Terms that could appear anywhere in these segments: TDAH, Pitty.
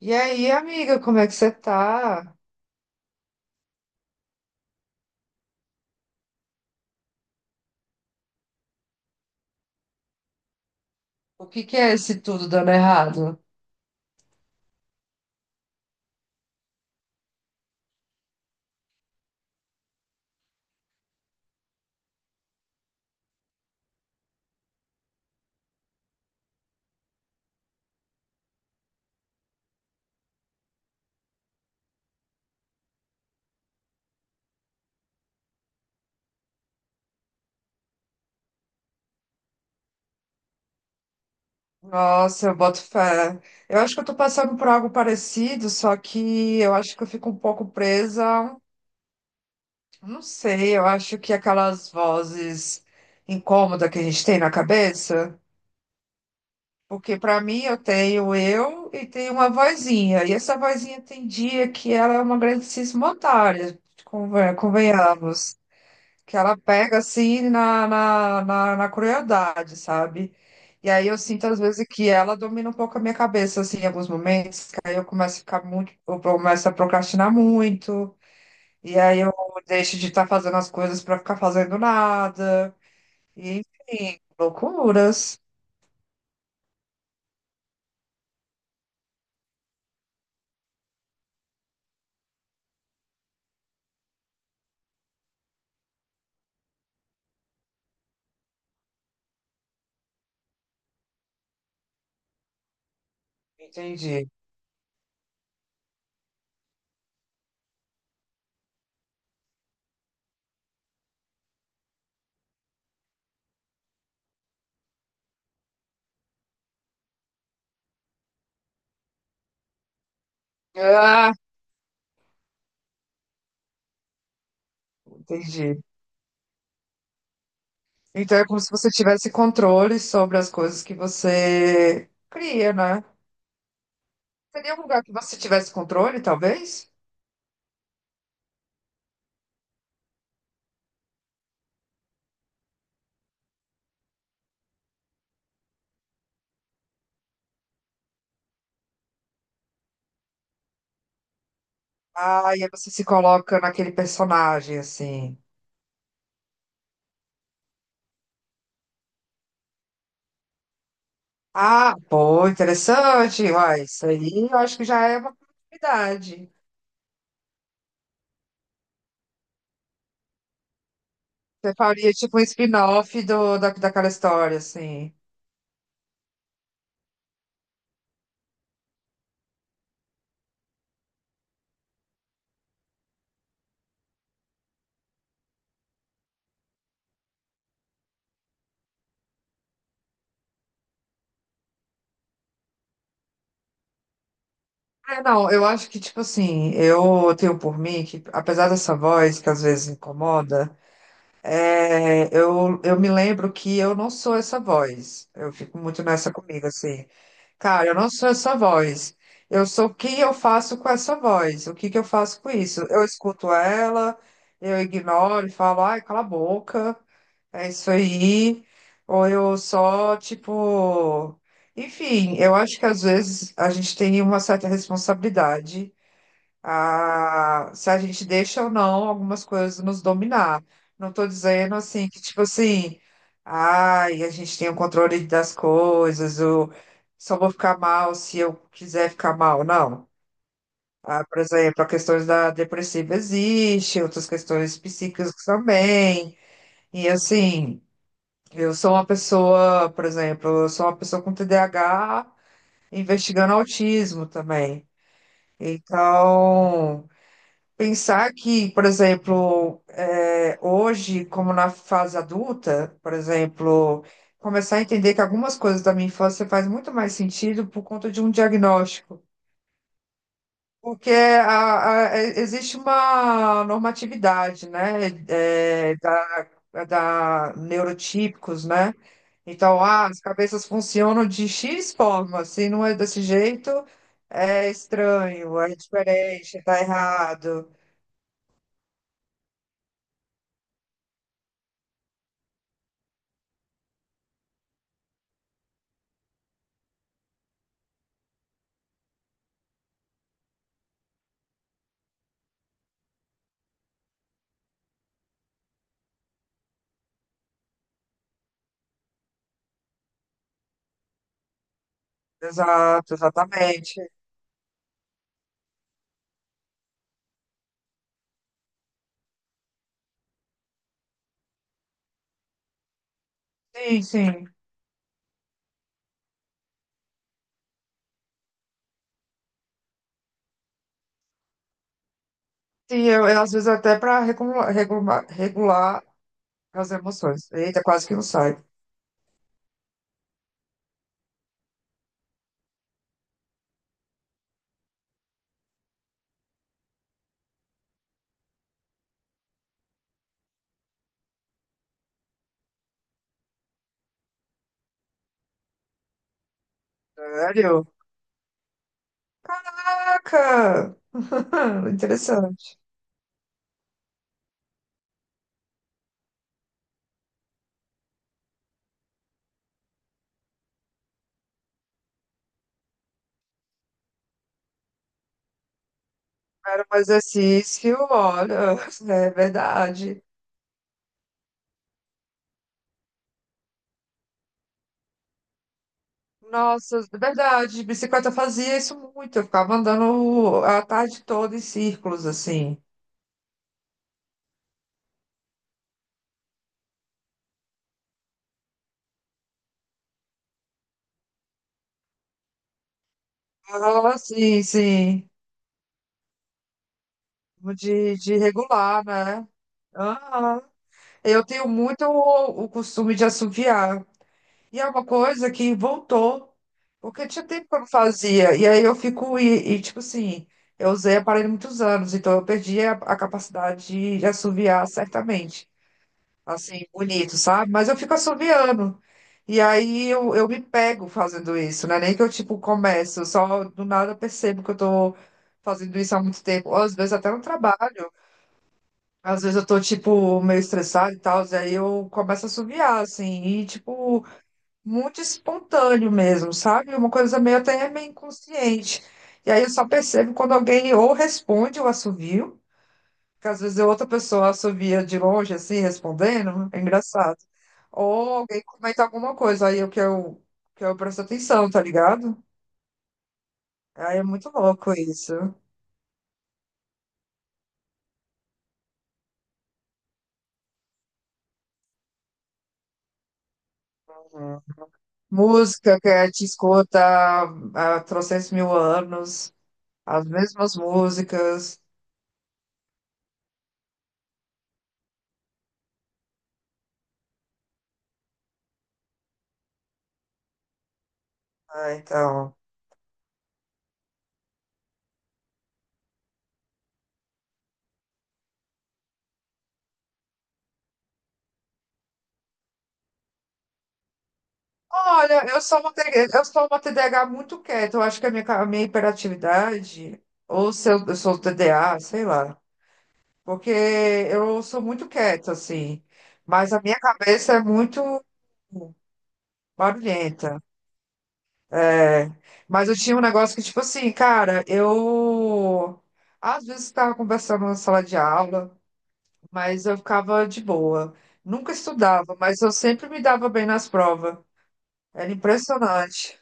E aí, amiga, como é que você tá? O que que é esse tudo dando errado? Nossa, eu boto fé. Eu acho que eu tô passando por algo parecido, só que eu acho que eu fico um pouco presa. Não sei, eu acho que aquelas vozes incômodas que a gente tem na cabeça, porque pra mim eu tenho eu e tenho uma vozinha, e essa vozinha tem dia que ela é uma grandíssima otária, convenhamos. Que ela pega assim na crueldade, sabe? E aí eu sinto às vezes que ela domina um pouco a minha cabeça, assim, em alguns momentos, que aí eu começo a ficar muito, eu começo a procrastinar muito, e aí eu deixo de estar fazendo as coisas para ficar fazendo nada, e enfim, loucuras. Entendi. Ah, entendi. Então é como se você tivesse controle sobre as coisas que você cria, né? Seria um lugar que você tivesse controle, talvez? Ah, e aí você se coloca naquele personagem, assim. Ah, pô, interessante. Uai, isso aí eu acho que já é uma possibilidade. Você faria tipo um spin-off daquela história, assim. É, não, eu acho que, tipo assim, eu tenho por mim que, apesar dessa voz que às vezes incomoda, é, eu me lembro que eu não sou essa voz. Eu fico muito nessa comigo, assim. Cara, eu não sou essa voz. Eu sou o que eu faço com essa voz. O que que eu faço com isso? Eu escuto ela, eu ignoro e falo, ai, cala a boca, é isso aí. Ou eu só, tipo. Enfim, eu acho que às vezes a gente tem uma certa responsabilidade, se a gente deixa ou não algumas coisas nos dominar. Não estou dizendo assim que, tipo assim, ai, a gente tem o controle das coisas, ou só vou ficar mal se eu quiser ficar mal, não. Ah, por exemplo, a questão da depressiva existe, outras questões psíquicas também. E assim, eu sou uma pessoa, por exemplo, eu sou uma pessoa com TDAH investigando autismo também. Então, pensar que, por exemplo, hoje, como na fase adulta, por exemplo, começar a entender que algumas coisas da minha infância faz muito mais sentido por conta de um diagnóstico. Porque é, existe uma normatividade, né, é da neurotípicos, né? Então, ah, as cabeças funcionam de X forma, se não é desse jeito, é estranho, é diferente, tá errado. Exato, exatamente. Sim, sim. Sim, às vezes até para regular as emoções. Eita, quase que não sai. Sério? Caraca! Interessante. Era um exercício, olha, é verdade. Nossa, é verdade, de bicicleta eu fazia isso muito. Eu ficava andando a tarde toda em círculos, assim. Ah, sim, sim. De regular, né? Aham. Eu tenho muito o costume de assoviar. E é uma coisa que voltou, porque tinha tempo que eu não fazia. E aí eu fico, tipo assim, eu usei aparelho muitos anos, então eu perdi a capacidade de assoviar certamente. Assim, bonito, sabe? Mas eu fico assoviando. E aí eu me pego fazendo isso, não é nem que eu, tipo, começo, só do nada eu percebo que eu tô fazendo isso há muito tempo. Ou às vezes até no trabalho. Às vezes eu tô, tipo, meio estressada e tal, e aí eu começo a assoviar, assim, e, tipo, muito espontâneo mesmo, sabe? Uma coisa meio até meio inconsciente. E aí eu só percebo quando alguém ou responde o assovio, que às vezes outra pessoa assovia de longe, assim, respondendo, é engraçado. Ou alguém comenta alguma coisa, aí que eu presto atenção, tá ligado? Aí é muito louco isso. Uhum. Música que te escuta há trocentos mil anos. As mesmas músicas. Ah, então. Olha, eu sou uma TDAH muito quieta. Eu acho que a minha hiperatividade, ou se eu sou TDA, sei lá. Porque eu sou muito quieta, assim. Mas a minha cabeça é muito barulhenta. É. Mas eu tinha um negócio que, tipo assim, cara, eu. Às vezes estava conversando na sala de aula, mas eu ficava de boa. Nunca estudava, mas eu sempre me dava bem nas provas. Era impressionante.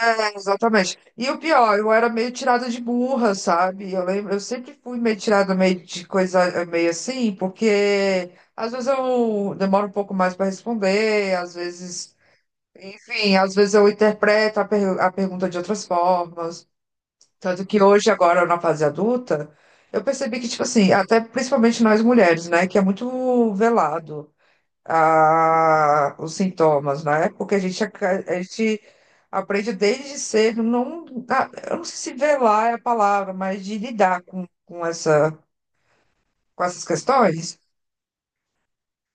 É, exatamente. E o pior, eu era meio tirada de burra, sabe? Eu lembro, eu sempre fui meio tirada meio de coisa, meio assim, porque às vezes eu demoro um pouco mais para responder, às vezes, enfim, às vezes eu interpreto a pergunta de outras formas. Tanto que hoje, agora na fase adulta, eu percebi que, tipo assim, até principalmente nós mulheres, né, que é muito velado. Os sintomas, né? Porque a gente aprende desde cedo, não, eu não sei se velar é a palavra, mas de lidar com essa, com essas questões.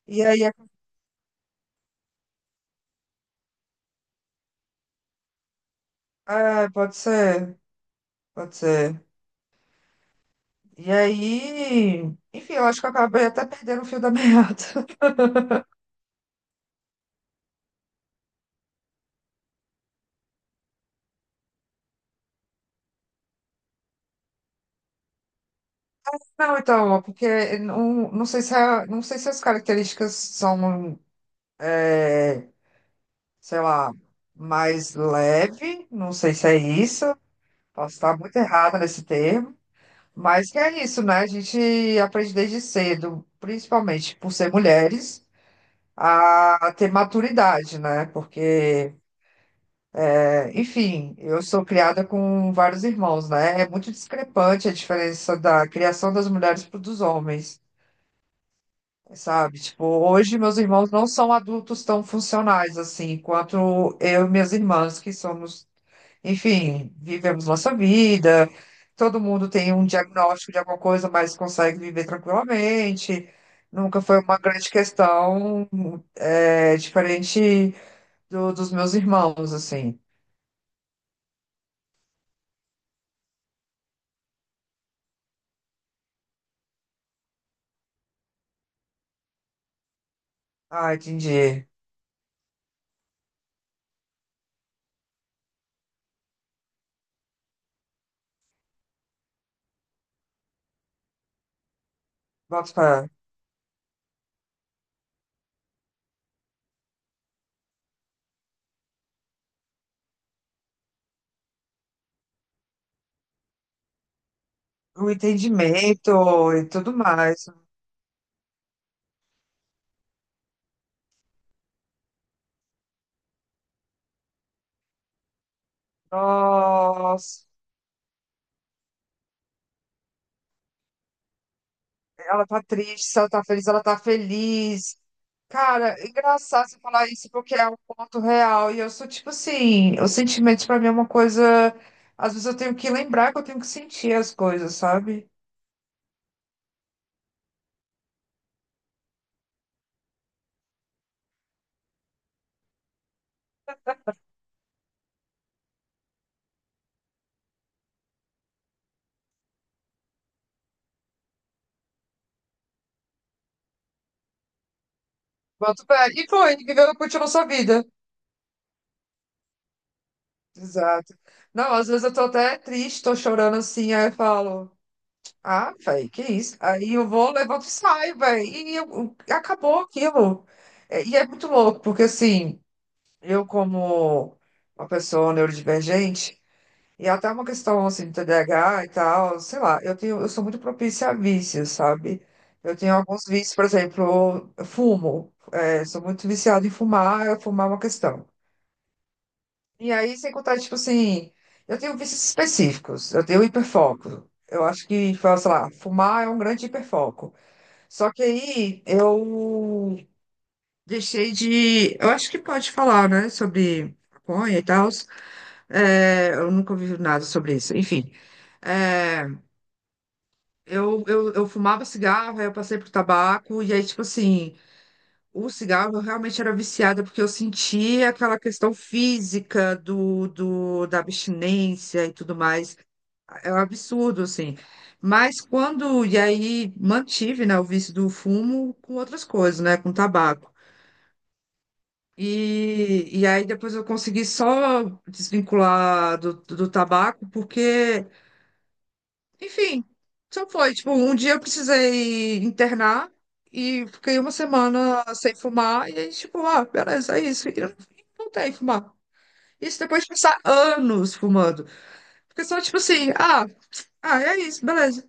E aí, é, pode ser, pode ser. E aí, enfim, eu acho que eu acabei até perdendo o fio da meada. Não, então, porque não, não sei se a- não sei se as características são, sei lá, mais leve, não sei se é isso, posso estar muito errada nesse termo. Mas que é isso, né? A gente aprende desde cedo, principalmente por ser mulheres, a ter maturidade, né? Porque, é, enfim, eu sou criada com vários irmãos, né? É muito discrepante a diferença da criação das mulheres para dos homens. Sabe, tipo, hoje meus irmãos não são adultos tão funcionais assim, quanto eu e minhas irmãs, que somos, enfim, vivemos nossa vida, todo mundo tem um diagnóstico de alguma coisa, mas consegue viver tranquilamente. Nunca foi uma grande questão, é, diferente dos meus irmãos, assim. Ah, entendi. Bota pra... O entendimento e tudo mais. Nossa. Ela tá triste, se ela tá feliz, ela tá feliz. Cara, é engraçado você falar isso porque é um ponto real. E eu sou tipo assim, os sentimentos pra mim é uma coisa. Às vezes eu tenho que lembrar que eu tenho que sentir as coisas, sabe? Bota o pé. E foi, viveu, continuou sua vida. Exato. Não, às vezes eu tô até triste, tô chorando assim, aí eu falo, ah, velho, que isso? Aí eu vou, levanto e saio, velho. Acabou aquilo. É, e é muito louco, porque assim. Eu, como uma pessoa neurodivergente, e até uma questão assim de TDAH e tal, sei lá, eu sou muito propícia a vícios, sabe? Eu tenho alguns vícios, por exemplo, eu fumo, é, sou muito viciada em fumar, eu fumar é uma questão. E aí, sem contar, tipo assim, eu tenho vícios específicos, eu tenho hiperfoco. Eu acho que, tipo, sei lá, fumar é um grande hiperfoco. Só que aí eu deixei de. Eu acho que pode falar, né, sobre maconha e tal. É, eu nunca ouvi nada sobre isso. Enfim, é, eu fumava cigarro, aí eu passei pro tabaco, e aí, tipo assim, o cigarro eu realmente era viciada, porque eu sentia aquela questão física da abstinência e tudo mais. É um absurdo, assim. Mas quando. E aí mantive, né, o vício do fumo com outras coisas, né, com tabaco. E aí depois eu consegui só desvincular do tabaco, porque. Enfim, só foi. Tipo, um dia eu precisei internar e fiquei uma semana sem fumar. E aí, tipo, ah, beleza, é isso. E eu não voltei a fumar. Isso depois de passar anos fumando. Porque só, tipo assim, ah, é isso, beleza.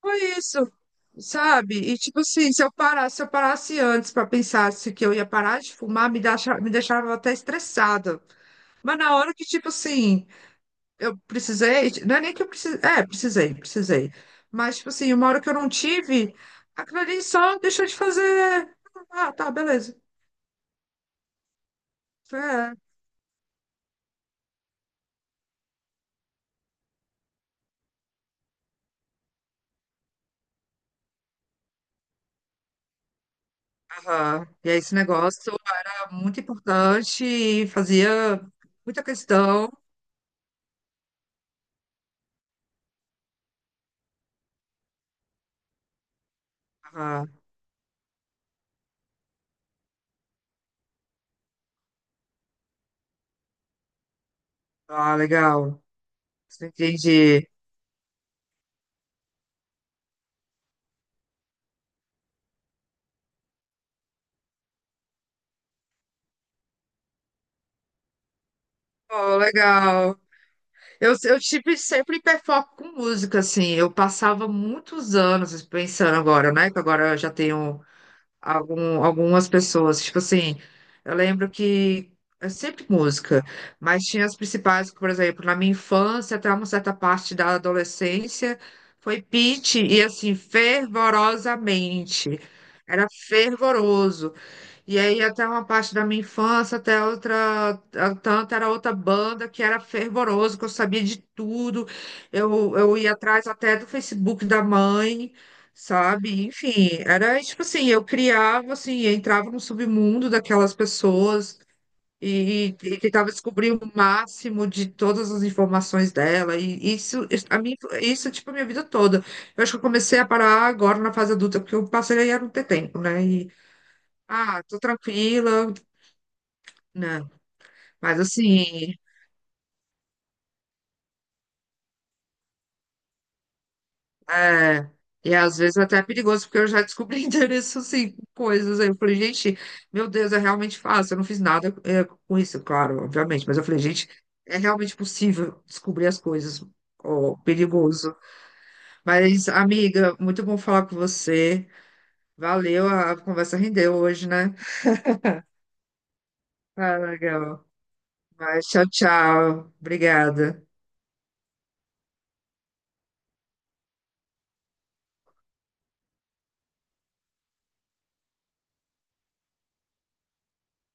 Foi isso. Sabe? E tipo assim, se eu parasse antes para pensar se que eu ia parar de fumar, me deixava até estressada. Mas na hora que, tipo assim, eu precisei, não é nem que eu precisei, é, precisei, precisei. Mas, tipo assim, uma hora que eu não tive, aquilo ali só deixou de fazer. Ah, tá, beleza. É, aham. E aí, esse negócio é muito importante e fazia muita questão. Ah. Ah, legal. Entendi. Oh, legal. Eu tive sempre hiperfoco com música, assim. Eu passava muitos anos pensando agora, né? Que agora eu já tenho algumas pessoas. Tipo assim, eu lembro que é sempre música, mas tinha as principais, que, por exemplo, na minha infância, até uma certa parte da adolescência, foi Pitty e assim, fervorosamente. Era fervoroso. E aí até uma parte da minha infância, até outra, tanto era outra banda que era fervoroso, que eu sabia de tudo. Eu ia atrás até do Facebook da mãe, sabe? Enfim, era tipo assim, eu criava assim, eu entrava no submundo daquelas pessoas e tentava descobrir o máximo de todas as informações dela. E a mim, isso tipo a minha vida toda. Eu acho que eu comecei a parar agora na fase adulta, porque eu passei a não ter tempo, né? Ah, tô tranquila, né? Mas assim, é, e às vezes até é perigoso, porque eu já descobri endereço, assim, com coisas. Aí eu falei, gente, meu Deus, é realmente fácil. Eu não fiz nada é, com isso, claro, obviamente. Mas eu falei, gente, é realmente possível descobrir as coisas. Ó, perigoso. Mas, amiga, muito bom falar com você. Valeu, a conversa rendeu hoje, né? Ah, legal. Mas tchau, tchau. Obrigada.